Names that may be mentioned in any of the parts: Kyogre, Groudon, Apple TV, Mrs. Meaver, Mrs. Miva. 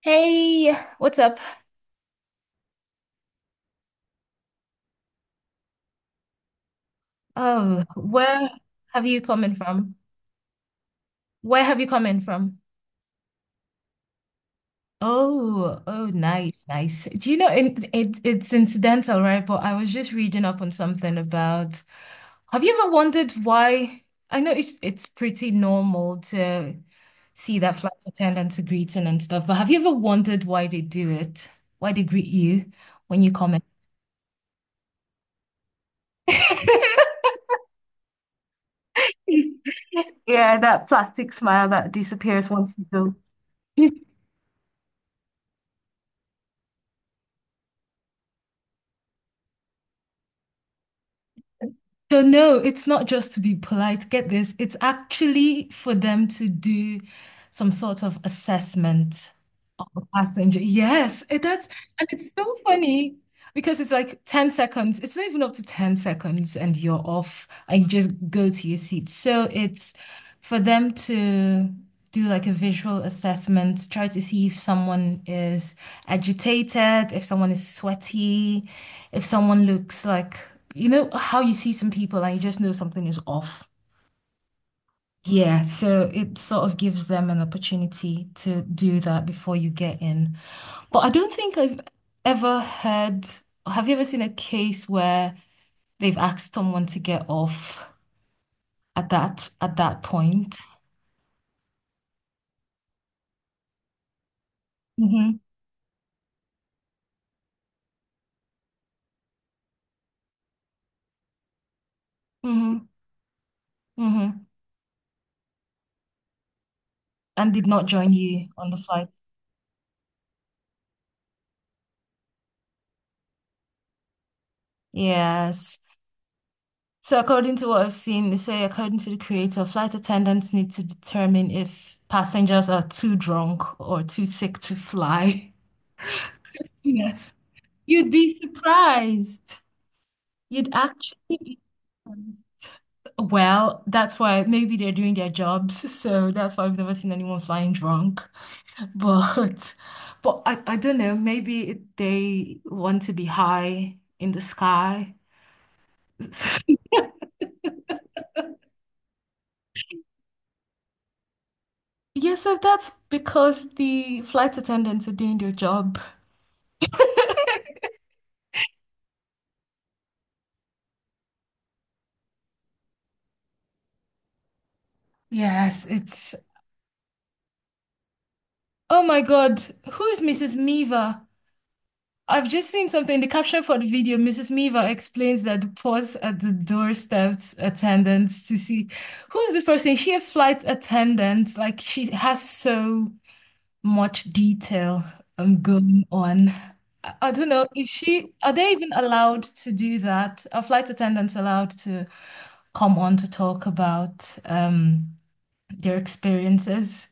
Hey, what's up? Oh, where have you come in from? Where have you come in from? Oh, oh, nice, nice. Do you know it's incidental, right? But I was just reading up on something about. Have you ever wondered why? I know it's pretty normal to see that flight attendants greeting and stuff, but have you ever wondered why they do it? Why they greet you when you come in? Yeah, that plastic smile that disappears once you go. So no, it's not just to be polite. Get this. It's actually for them to do some sort of assessment. Passenger. Yes, it, that's and it's so funny because it's like 10 seconds. It's not even up to 10 seconds and you're off and you just go to your seat. So it's for them to do like a visual assessment, try to see if someone is agitated, if someone is sweaty, if someone looks like, you know, how you see some people and you just know something is off. Yeah, so it sort of gives them an opportunity to do that before you get in. But I don't think I've ever heard, have you ever seen a case where they've asked someone to get off at that point? hmm hmm hmm And did not join you on the flight. Yes. So according to what I've seen, they say according to the creator, flight attendants need to determine if passengers are too drunk or too sick to fly. Yes. You'd be surprised. You'd actually be surprised. Well, that's why maybe they're doing their jobs, so that's why I've never seen anyone flying drunk. But but I don't know, maybe they want to be high in the sky. Yeah, so that's because the flight attendants are doing their job. Yes, it's oh my God, who is Mrs. Meaver? I've just seen something. The caption for the video, Mrs. Miva explains that the pause at the doorstep attendants to see who is this person? Is she a flight attendant? Like she has so much detail going on. I don't know, is she are they even allowed to do that? Are flight attendants allowed to come on to talk about their experiences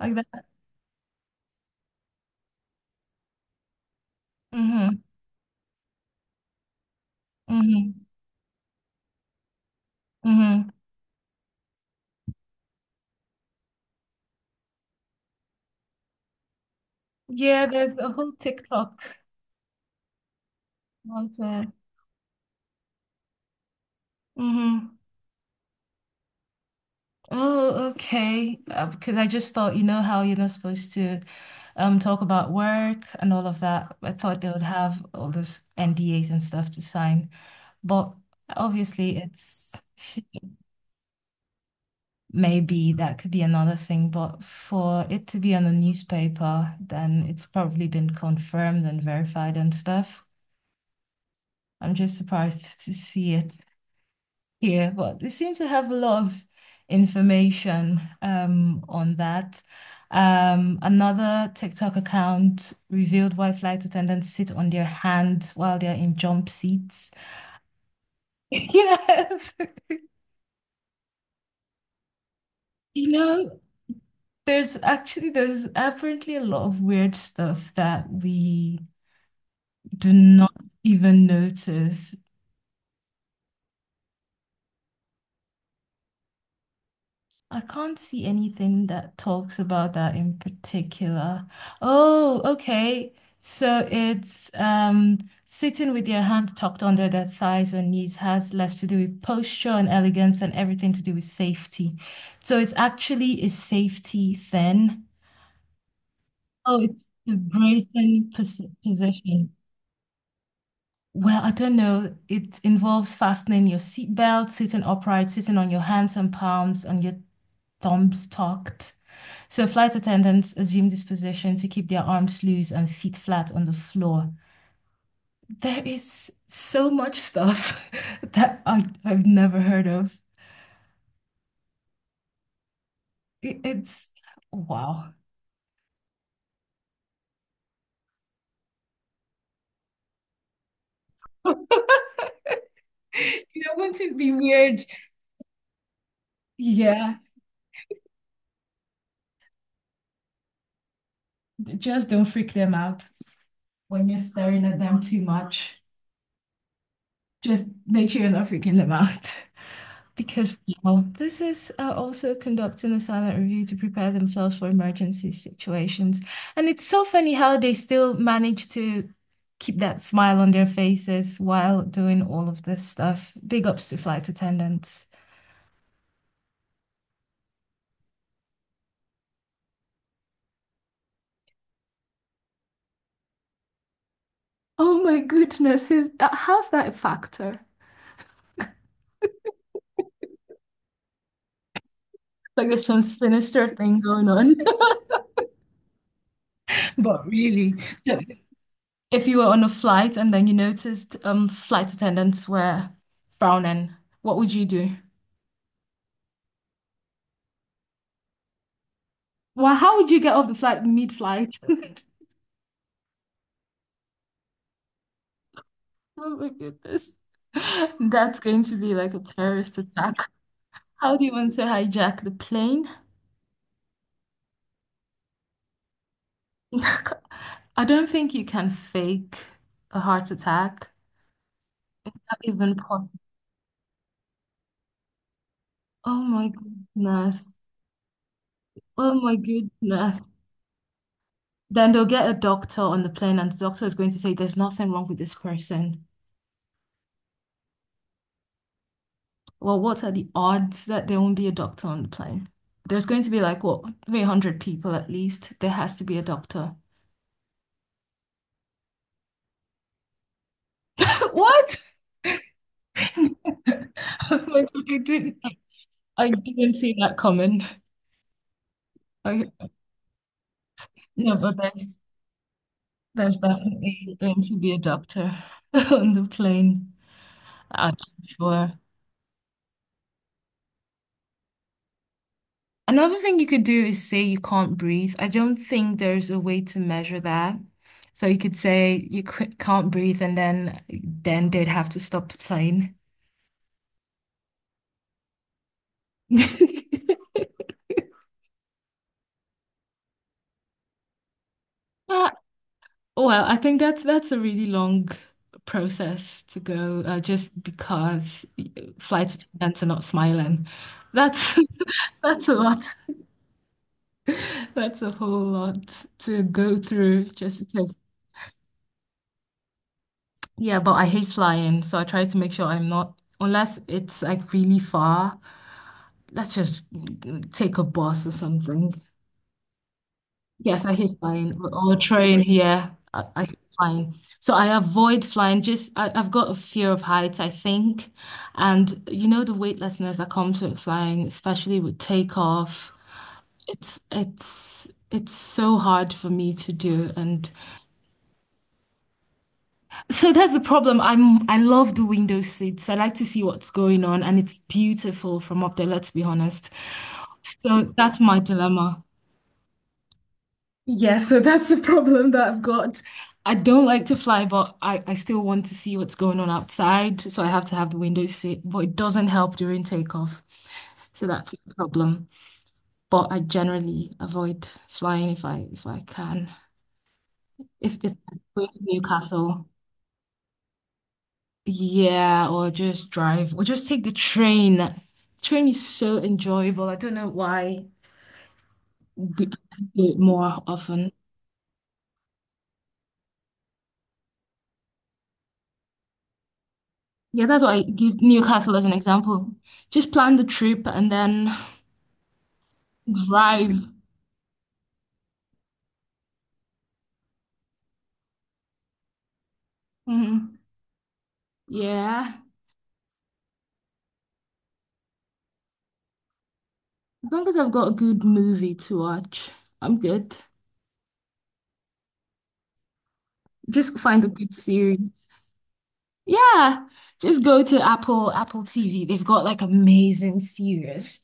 like that? Mm-hmm. Mm-hmm. Mm-hmm. Yeah, there's a whole TikTok about it. Mm-hmm. Oh, okay. Because I just thought, you know how you're not supposed to talk about work and all of that. I thought they would have all those NDAs and stuff to sign. But obviously it's maybe that could be another thing, but for it to be on the newspaper, then it's probably been confirmed and verified and stuff. I'm just surprised to see it. Here, but they seem to have a lot of information on that. Another TikTok account revealed why flight attendants sit on their hands while they're in jump seats. Yes. You know, there's apparently a lot of weird stuff that we do not even notice. I can't see anything that talks about that in particular. Oh, okay. So it's sitting with your hand tucked under their thighs or knees has less to do with posture and elegance and everything to do with safety. So it's actually a safety thing. Oh, it's the bracing pos position. Well, I don't know. It involves fastening your seatbelt, sitting upright, sitting on your hands and palms, and your thumbs tucked. So flight attendants assume this position to keep their arms loose and feet flat on the floor. There is so much stuff that I've never heard of. It's wow. You know, wouldn't it be weird? Yeah, just don't freak them out when you're staring at them too much. Just make sure you're not freaking them out. Because, well, this is also conducting a silent review to prepare themselves for emergency situations. And it's so funny how they still manage to keep that smile on their faces while doing all of this stuff. Big ups to flight attendants. Oh my goodness, is that, how's that a factor? Like there's some sinister thing going on. But really, if you were on a flight and then you noticed flight attendants were frowning, what would you do? Well, how would you get off the flight mid-flight? Oh my goodness. That's going to be like a terrorist attack. How do you want to hijack the plane? I don't think you can fake a heart attack. Not even possible. Oh my goodness. Oh my goodness. Then they'll get a doctor on the plane, and the doctor is going to say, there's nothing wrong with this person. Well, what are the odds that there won't be a doctor on the plane? There's going to be like, what, 300 people at least. There has to be a doctor. What? Oh my God, I didn't see that coming. I no, but there's definitely going to be a doctor on the plane. I'm sure. Another thing you could do is say you can't breathe. I don't think there's a way to measure that. So you could say you can't breathe, and then they'd have to stop the plane. Uh, Oh, Well, I think that's a really long process to go just because flight attendants are not smiling. That's that's a lot. That's a whole lot to go through just because. Yeah, but I hate flying, so I try to make sure I'm not unless it's like really far. Let's just take a bus or something. Yes, I hate flying or train yeah, I hate flying. So I avoid flying. Just I've got a fear of heights, I think. And you know the weightlessness that comes with flying, especially with takeoff. It's so hard for me to do. And so that's the problem. I love the window seats. I like to see what's going on and it's beautiful from up there, let's be honest. So that's my dilemma. Yeah, so that's the problem that I've got. I don't like to fly, but I still want to see what's going on outside. So I have to have the window seat, but it doesn't help during takeoff. So that's the problem. But I generally avoid flying if I can. If it's going to Newcastle, yeah, or just drive or just take the train. Train is so enjoyable. I don't know why we do it more often. Yeah, that's why I use Newcastle as an example. Just plan the trip and then drive. Mhm. Yeah. As long as I've got a good movie to watch, I'm good. Just find a good series. Yeah. Just go to Apple TV. They've got like amazing series.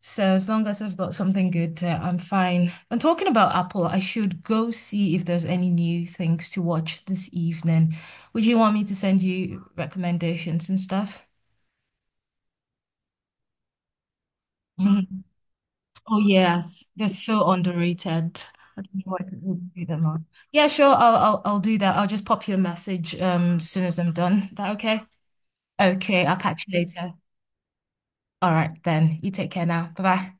So as long as I've got something good to, I'm fine. And talking about Apple, I should go see if there's any new things to watch this evening. Would you want me to send you recommendations and stuff? Mhm. Oh yes, they're so underrated. I don't know why people do them on. Yeah, sure. I'll do that. I'll just pop you a message as soon as I'm done. Is that okay? Okay, I'll catch you later. All right then. You take care now. Bye bye.